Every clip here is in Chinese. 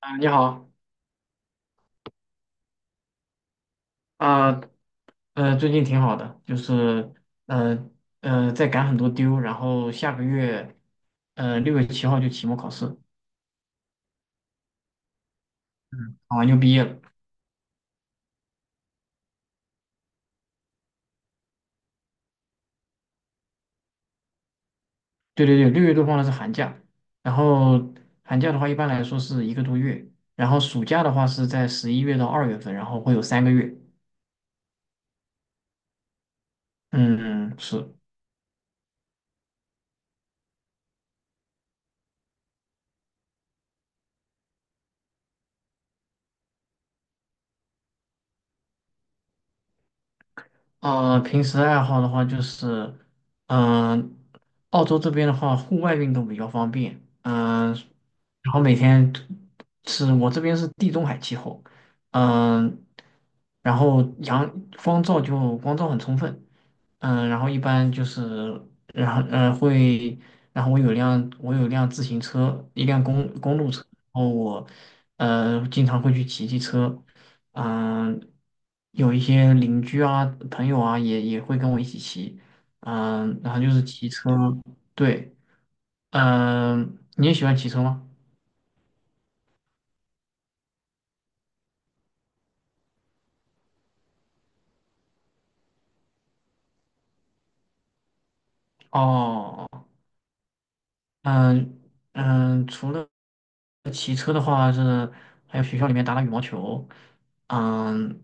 啊，你好啊。最近挺好的，就是呃在赶很多丢。然后下个月6月7号就期末考试。嗯，考完就毕业了。对对对，六月多放的是寒假，然后寒假的话一般来说是一个多月，然后暑假的话是在11月到2月份，然后会有3个月。嗯，是。平时爱好的话就是，嗯、澳洲这边的话，户外运动比较方便。嗯、然后每天是我这边是地中海气候。嗯、然后阳光照就光照很充分。嗯、然后一般就是，然后呃会，然后我有辆自行车，一辆公路车，然后我经常会去骑骑车。嗯、有一些邻居啊、朋友啊，也会跟我一起骑。嗯、然后就是骑车。对，嗯、你也喜欢骑车吗？哦，嗯嗯。除了骑车的话是，还有学校里面打打羽毛球。嗯，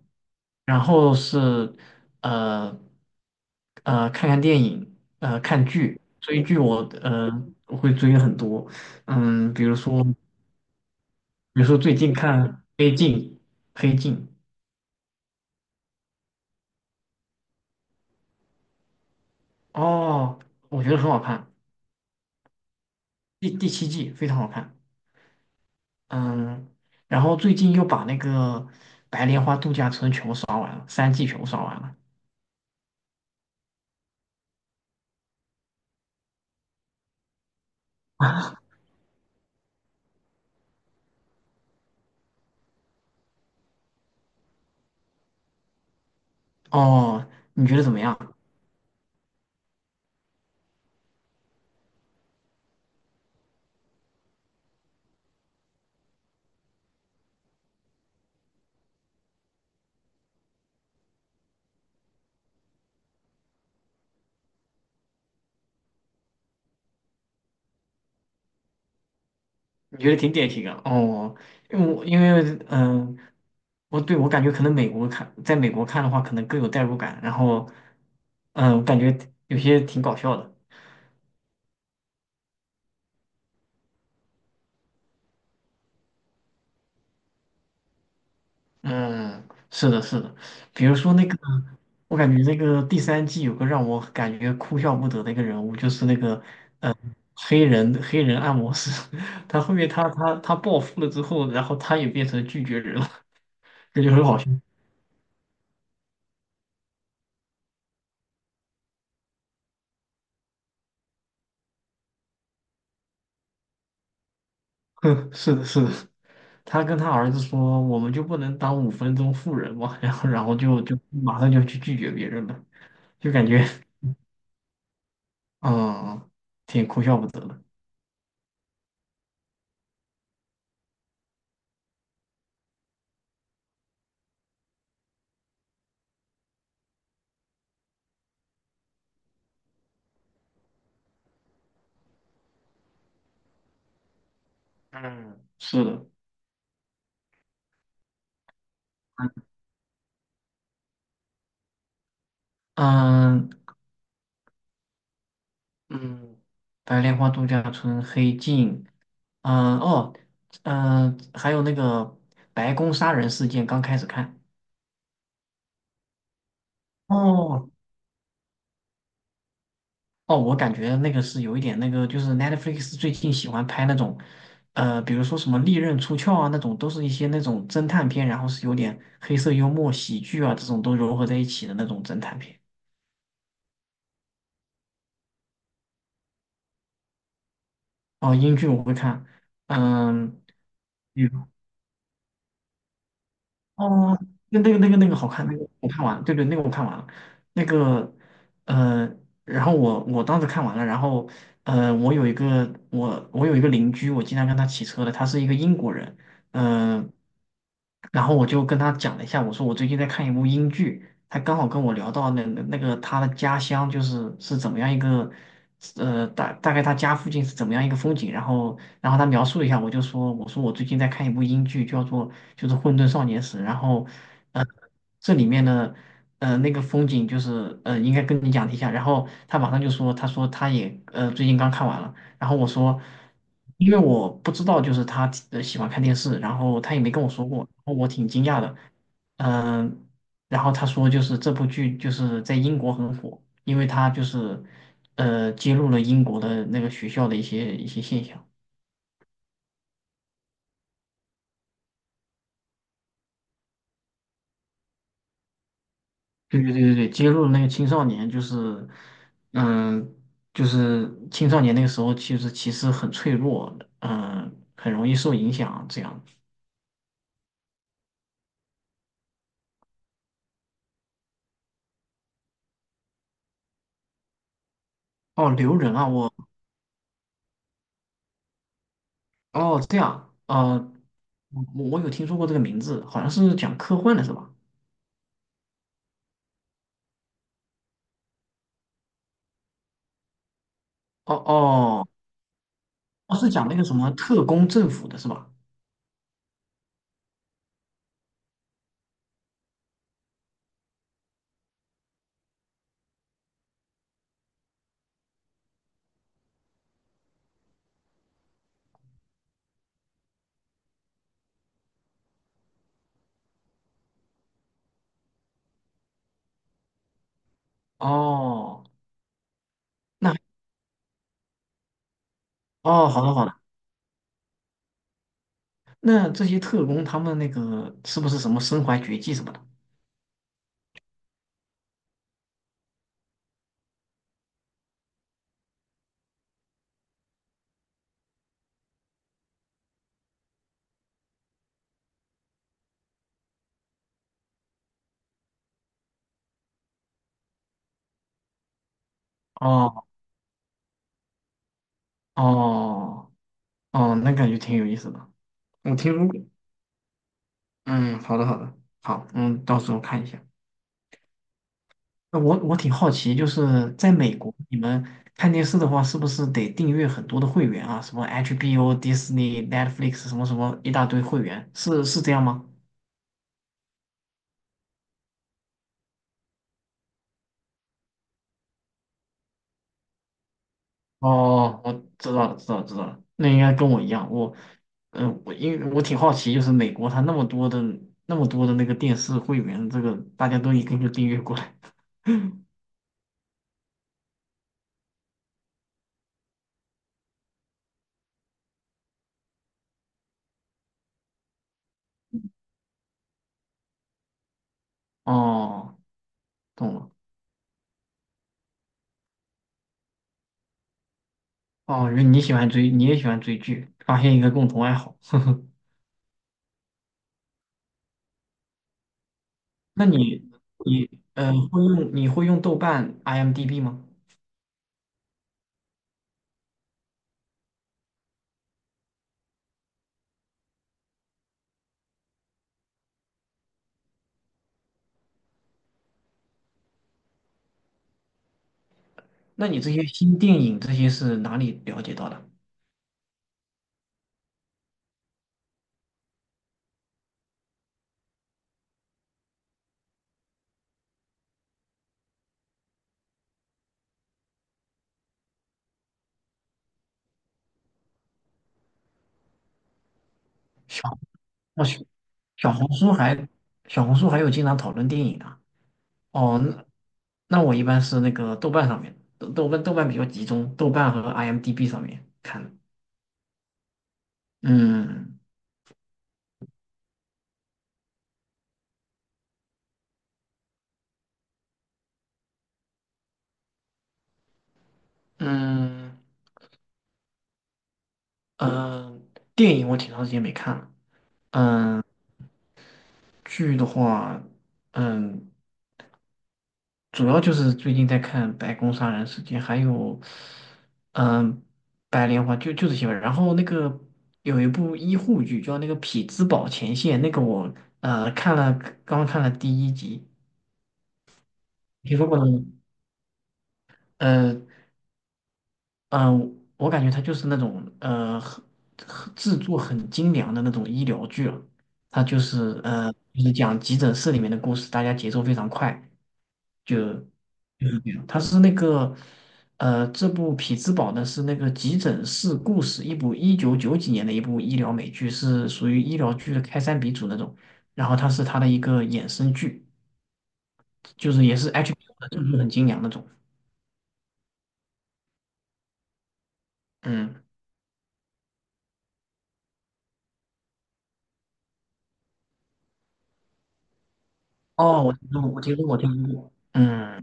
然后是呃看看电影，看剧。追剧我会追很多，嗯，比如说。比如说最近看《黑镜》。《黑镜》哦，我觉得很好看。第七季非常好看。嗯，然后最近又把那个《白莲花度假村》全部刷完了，三季全部刷完了。哦，你觉得怎么样？你觉得挺典型的哦。因为嗯，我感觉可能美国看，在美国看的话，可能更有代入感。然后嗯，感觉有些挺搞笑的。嗯，是的，是的。比如说那个，我感觉那个第3季有个让我感觉哭笑不得的一个人物，就是那个黑人按摩师。他后面他暴富了之后，然后他也变成拒绝人了。这就很好笑。哼，是的，是的。他跟他儿子说，我们就不能当5分钟富人吗？" 然后就马上就去拒绝别人了，就感觉嗯，挺哭笑不得的。嗯，是的。嗯，嗯，白莲花度假村、黑镜，嗯、哦，嗯、还有那个白宫杀人事件，刚开始看。哦，哦，我感觉那个是有一点那个，就是 Netflix 最近喜欢拍那种，比如说什么利刃出鞘啊那种，都是一些那种侦探片。然后是有点黑色幽默、喜剧啊这种都融合在一起的那种侦探片。哦，英剧我会看，嗯。哦，那那个好看，那个我看完了，对对，那个我看完了，那个呃，然后我当时看完了。然后我有一个邻居，我经常跟他骑车的，他是一个英国人。嗯、然后我就跟他讲了一下，我说我最近在看一部英剧，他刚好跟我聊到那个他的家乡是怎么样一个。呃，大概他家附近是怎么样一个风景。然后他描述了一下，我说我最近在看一部英剧，叫做就是《混沌少年时》。然后呃这里面的那个风景就是应该跟你讲一下。然后他马上就说他也最近刚看完了。然后我说因为我不知道就是他喜欢看电视，然后他也没跟我说过，然后我挺惊讶的。嗯、然后他说，就是这部剧就是在英国很火，因为他就是揭露了英国的那个学校的一些现象。对对对对对，揭露了那个青少年，就是，嗯，就是青少年那个时候，其实很脆弱，嗯，很容易受影响。这样。哦，留人啊，我，哦，这样啊。我我有听说过这个名字，好像是讲科幻的是吧？哦哦，哦，是讲那个什么特工政府的是吧？哦，那哦，好的好的，那这些特工他们那个是不是什么身怀绝技什么的？哦哦哦，那感觉挺有意思的。我听说过。嗯，好的好的，好，嗯，到时候看一下。那我挺好奇，就是在美国，你们看电视的话，是不是得订阅很多的会员啊？什么 HBO、Disney、Netflix 什么什么一大堆会员，是这样吗？哦，我知道了，知道了，知道了。那应该跟我一样。我，嗯、因为我挺好奇，就是美国它那么多的那个电视会员，这个大家都一个个订阅过来。哦，懂了。哦，原来你喜欢追，你也喜欢追剧，发现一个共同爱好。呵呵，那你会用豆瓣、IMDB 吗？那你这些新电影这些是哪里了解到的？小哦小小红书还小红书还有经常讨论电影的哦。那我一般是那个豆瓣上面，豆瓣比较集中，豆瓣和 IMDB 上面看的。嗯嗯嗯，电影我挺长时间没看了。嗯、剧的话，嗯，主要就是最近在看《白宫杀人事件》，还有，嗯，《白莲花》就这些吧。然后那个有一部医护剧叫那个《匹兹堡前线》，那个我看了，刚看了第一集。听说过呢？呃嗯、我感觉它就是那种很制作很精良的那种医疗剧了。它就是讲急诊室里面的故事，大家节奏非常快。就有一点，它是那个，这部《匹兹堡》呢是那个急诊室故事，一部一九九几年的一部医疗美剧，是属于医疗剧的开山鼻祖那种。然后它是它的一个衍生剧，就是也是 HBO 的，就是很精良那种。嗯，哦，我听说过，我听说过，我听说过。嗯，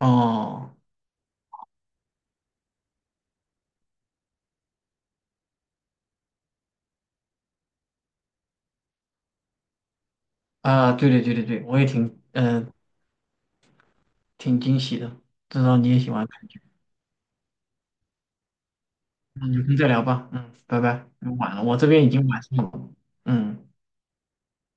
哦，啊，对对对对对，我也挺，嗯，挺惊喜的，知道你也喜欢看剧。嗯，有空再聊吧。嗯，拜拜。晚了，我这边已经晚上了。嗯。